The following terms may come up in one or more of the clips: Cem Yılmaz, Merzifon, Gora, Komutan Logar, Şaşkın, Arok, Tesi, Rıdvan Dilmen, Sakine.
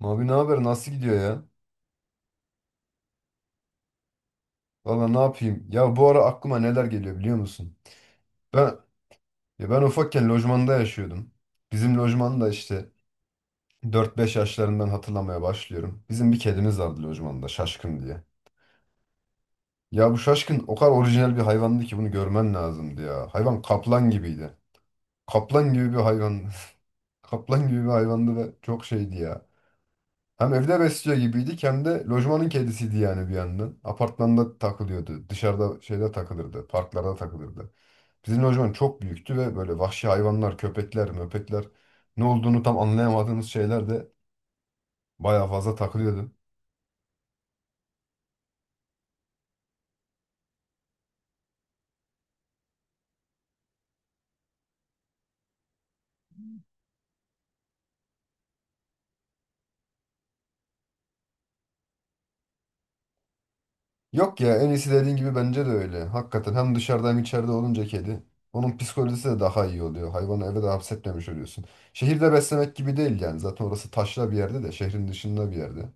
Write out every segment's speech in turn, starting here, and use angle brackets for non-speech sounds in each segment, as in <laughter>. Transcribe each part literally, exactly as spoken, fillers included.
Abi ne haber? Nasıl gidiyor ya? Valla ne yapayım? Ya bu ara aklıma neler geliyor biliyor musun? Ben ya ben ufakken lojmanda yaşıyordum. Bizim lojmanda işte dört beş yaşlarından hatırlamaya başlıyorum. Bizim bir kedimiz vardı lojmanda Şaşkın diye. Ya bu Şaşkın o kadar orijinal bir hayvandı ki bunu görmen lazımdı ya. Hayvan kaplan gibiydi. Kaplan gibi bir hayvan. <laughs> Kaplan gibi bir hayvandı ve çok şeydi ya. Hem evde besliyor gibiydik hem de lojmanın kedisiydi yani bir yandan. Apartmanda takılıyordu. Dışarıda şeyde takılırdı. Parklarda takılırdı. Bizim lojman çok büyüktü ve böyle vahşi hayvanlar, köpekler, möpekler ne olduğunu tam anlayamadığımız şeyler de bayağı fazla takılıyordu. Yok ya en iyisi dediğin gibi bence de öyle. Hakikaten hem dışarıda hem içeride olunca kedi. Onun psikolojisi de daha iyi oluyor. Hayvanı eve de hapsetmemiş oluyorsun. Şehirde beslemek gibi değil yani. Zaten orası taşra bir yerde de şehrin dışında bir yerde.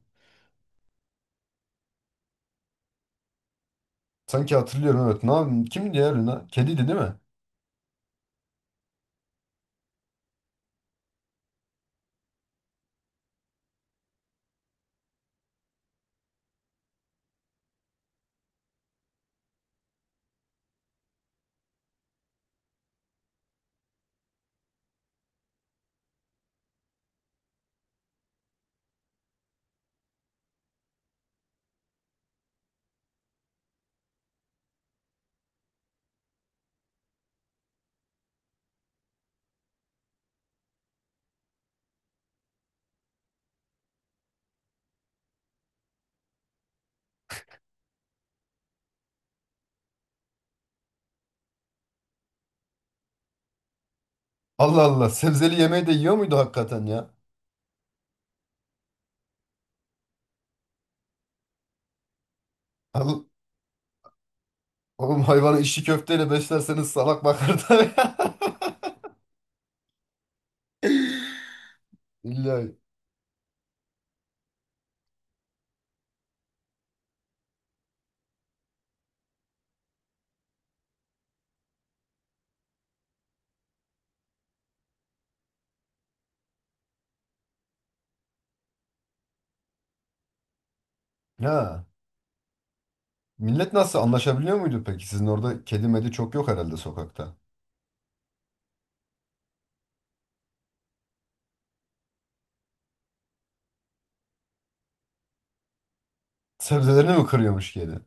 Sanki hatırlıyorum evet. Ne yapayım? Kimdi ya Luna? Kediydi değil mi? Allah Allah. Sebzeli yemeği de yiyor muydu hakikaten ya? Al- Oğlum hayvanı içli köfteyle beslerseniz salak bakar tabii. <laughs> İlla ha. Millet nasıl anlaşabiliyor muydu peki? Sizin orada kedi medi çok yok herhalde sokakta. Sebzelerini mi kırıyormuş kedi?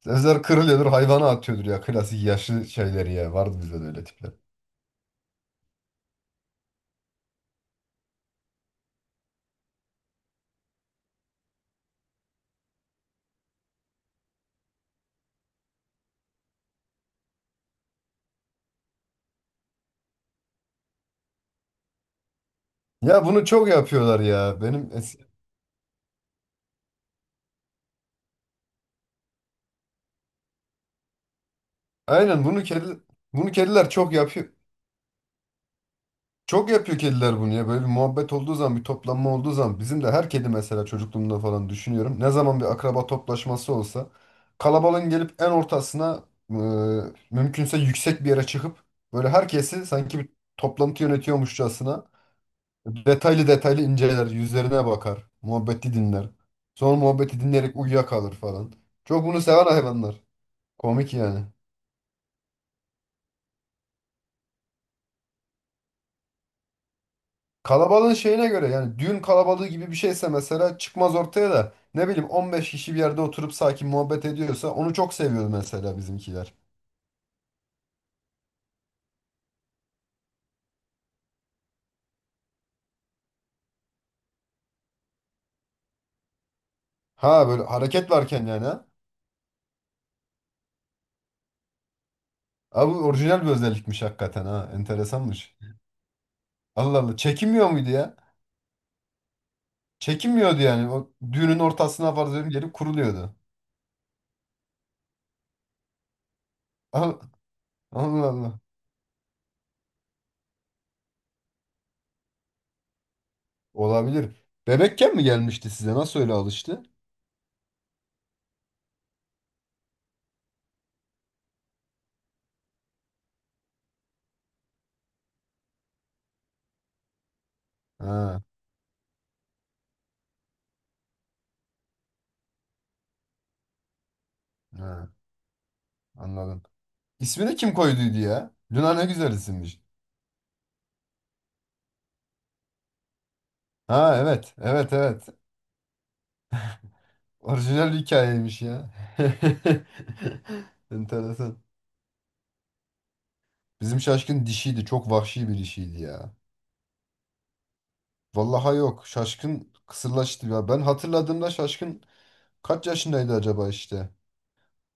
Sebzeler kırılıyordur hayvana atıyordur ya klasik yaşlı şeyleri ya. Vardı bizde de öyle tipler. Ya bunu çok yapıyorlar ya. Benim es- Aynen bunu kedi bunu kediler çok yapıyor. Çok yapıyor kediler bunu ya. Böyle bir muhabbet olduğu zaman, bir toplanma olduğu zaman bizim de her kedi mesela çocukluğumda falan düşünüyorum. Ne zaman bir akraba toplaşması olsa kalabalığın gelip en ortasına e, mümkünse yüksek bir yere çıkıp böyle herkesi sanki bir toplantı yönetiyormuşçasına detaylı detaylı inceler, yüzlerine bakar, muhabbeti dinler. Sonra muhabbeti dinleyerek uyuyakalır falan. Çok bunu seven hayvanlar. Komik yani. Kalabalığın şeyine göre yani düğün kalabalığı gibi bir şeyse mesela çıkmaz ortaya da ne bileyim on beş kişi bir yerde oturup sakin muhabbet ediyorsa onu çok seviyor mesela bizimkiler. Ha böyle hareket varken yani ha. Abi orijinal bir özellikmiş hakikaten ha. Enteresanmış. Allah Allah. Çekinmiyor muydu ya? Çekinmiyordu yani. O düğünün ortasına farz edelim gelip kuruluyordu. Al- Allah Allah. Olabilir. Bebekken mi gelmişti size? Nasıl öyle alıştı? Ha, ha, anladım. İsmini kim koyduydu ya? Luna ne güzel isimmiş. Ha, evet. Evet, evet. Orijinal bir hikayeymiş ya. <laughs> Enteresan. Bizim Şaşkın dişiydi. Çok vahşi bir dişiydi ya. Vallahi yok. Şaşkın kısırlaştı ya. Ben hatırladığımda Şaşkın kaç yaşındaydı acaba işte?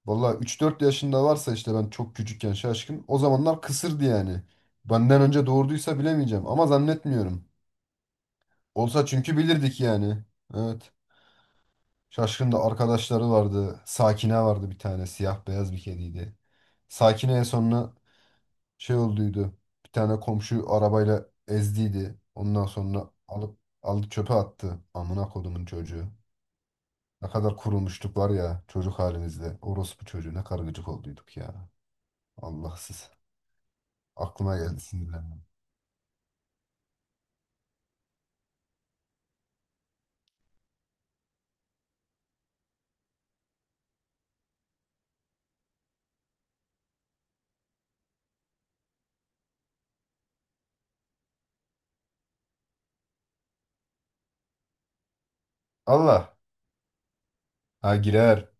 Vallahi üç dört yaşında varsa işte ben çok küçükken Şaşkın. O zamanlar kısırdı yani. Benden önce doğurduysa bilemeyeceğim ama zannetmiyorum. Olsa çünkü bilirdik yani. Evet. Şaşkın'da arkadaşları vardı. Sakine vardı bir tane. Siyah beyaz bir kediydi. Sakine en sonuna şey olduydu. Bir tane komşu arabayla ezdiydi. Ondan sonra alıp aldı çöpe attı. Amına kodumun çocuğu. Ne kadar kurulmuştuk var ya çocuk halimizde. Orospu çocuğu ne kadar gıcık olduyduk ya. Allahsız. Aklıma geldi sinirlendim. Allah. Ha girer.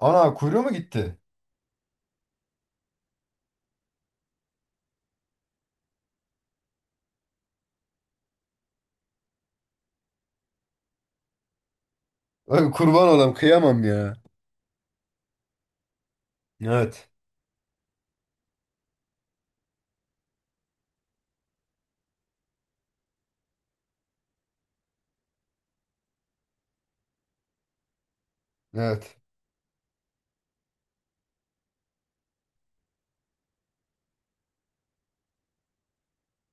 Ana kuyruğu mu gitti? Ay, kurban olam kıyamam ya. Evet. Evet.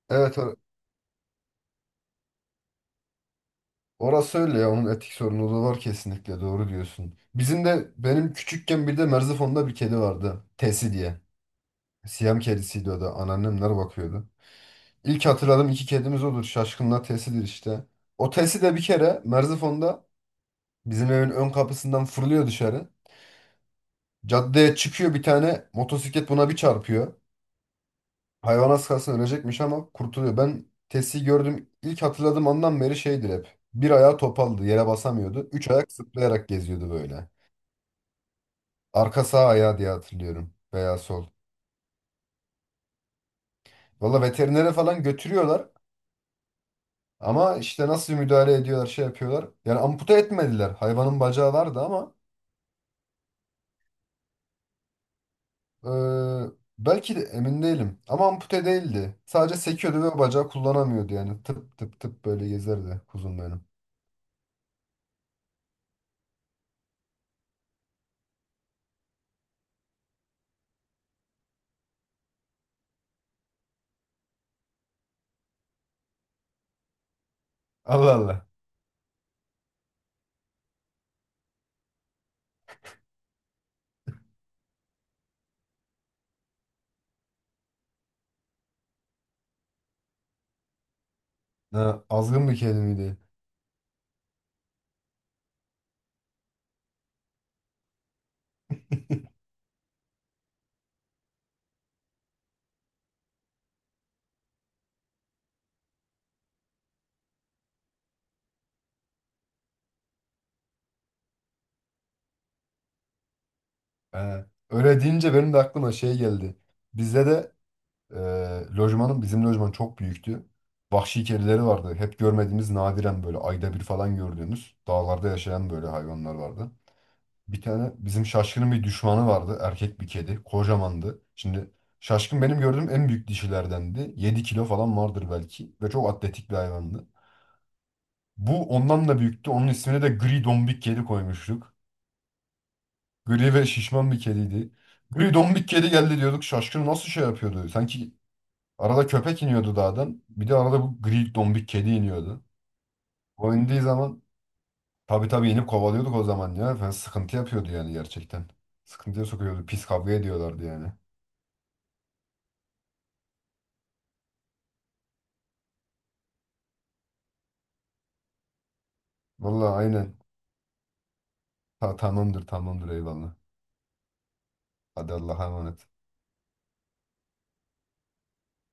Evet. Orası öyle ya, onun etik sorunu da var, kesinlikle doğru diyorsun. Bizim de benim küçükken bir de Merzifon'da bir kedi vardı. Tesi diye. Siyam kedisiydi o da. Anneannemler bakıyordu. İlk hatırladığım iki kedimiz odur. Şaşkınla Tesi'dir işte. O Tesi de bir kere Merzifon'da bizim evin ön kapısından fırlıyor dışarı. Caddeye çıkıyor, bir tane motosiklet buna bir çarpıyor. Hayvan az kalsın ölecekmiş ama kurtuluyor. Ben Tesi'yi gördüm. İlk hatırladığım andan beri şeydir hep. Bir ayağı topaldı, yere basamıyordu. Üç ayak zıplayarak geziyordu böyle. Arka sağ ayağı diye hatırlıyorum. Veya sol. Valla veterinere falan götürüyorlar. Ama işte nasıl müdahale ediyorlar, şey yapıyorlar. Yani ampute etmediler. Hayvanın bacağı vardı ama eee, belki de emin değilim. Ama ampute değildi. Sadece sekiyordu ve bacağı kullanamıyordu yani. Tıp tıp tıp böyle gezerdi kuzum benim. Allah Allah. Ha, azgın bir kedi miydi? Ha, öyle deyince benim de aklıma şey geldi. Bizde de Ee, lojmanın bizim lojman çok büyüktü. Vahşi kedileri vardı. Hep görmediğimiz, nadiren böyle ayda bir falan gördüğümüz, dağlarda yaşayan böyle hayvanlar vardı. Bir tane bizim Şaşkın'ın bir düşmanı vardı. Erkek bir kedi. Kocamandı. Şimdi Şaşkın benim gördüğüm en büyük dişilerdendi. Yedi kilo falan vardır belki. Ve çok atletik bir hayvandı. Bu ondan da büyüktü. Onun ismini de gri dombik kedi koymuştuk. Gri ve şişman bir kediydi. Gri dombik kedi geldi diyorduk. Şaşkın nasıl şey yapıyordu? Sanki Arada köpek iniyordu dağdan. Bir de arada bu gri dombik kedi iniyordu. O indiği zaman tabii tabii inip kovalıyorduk o zaman ya. Falan sıkıntı yapıyordu yani gerçekten. Sıkıntıya sokuyordu. Pis kavga ediyorlardı yani. Vallahi aynen. Ta tamamdır tamamdır eyvallah. Hadi Allah'a emanet.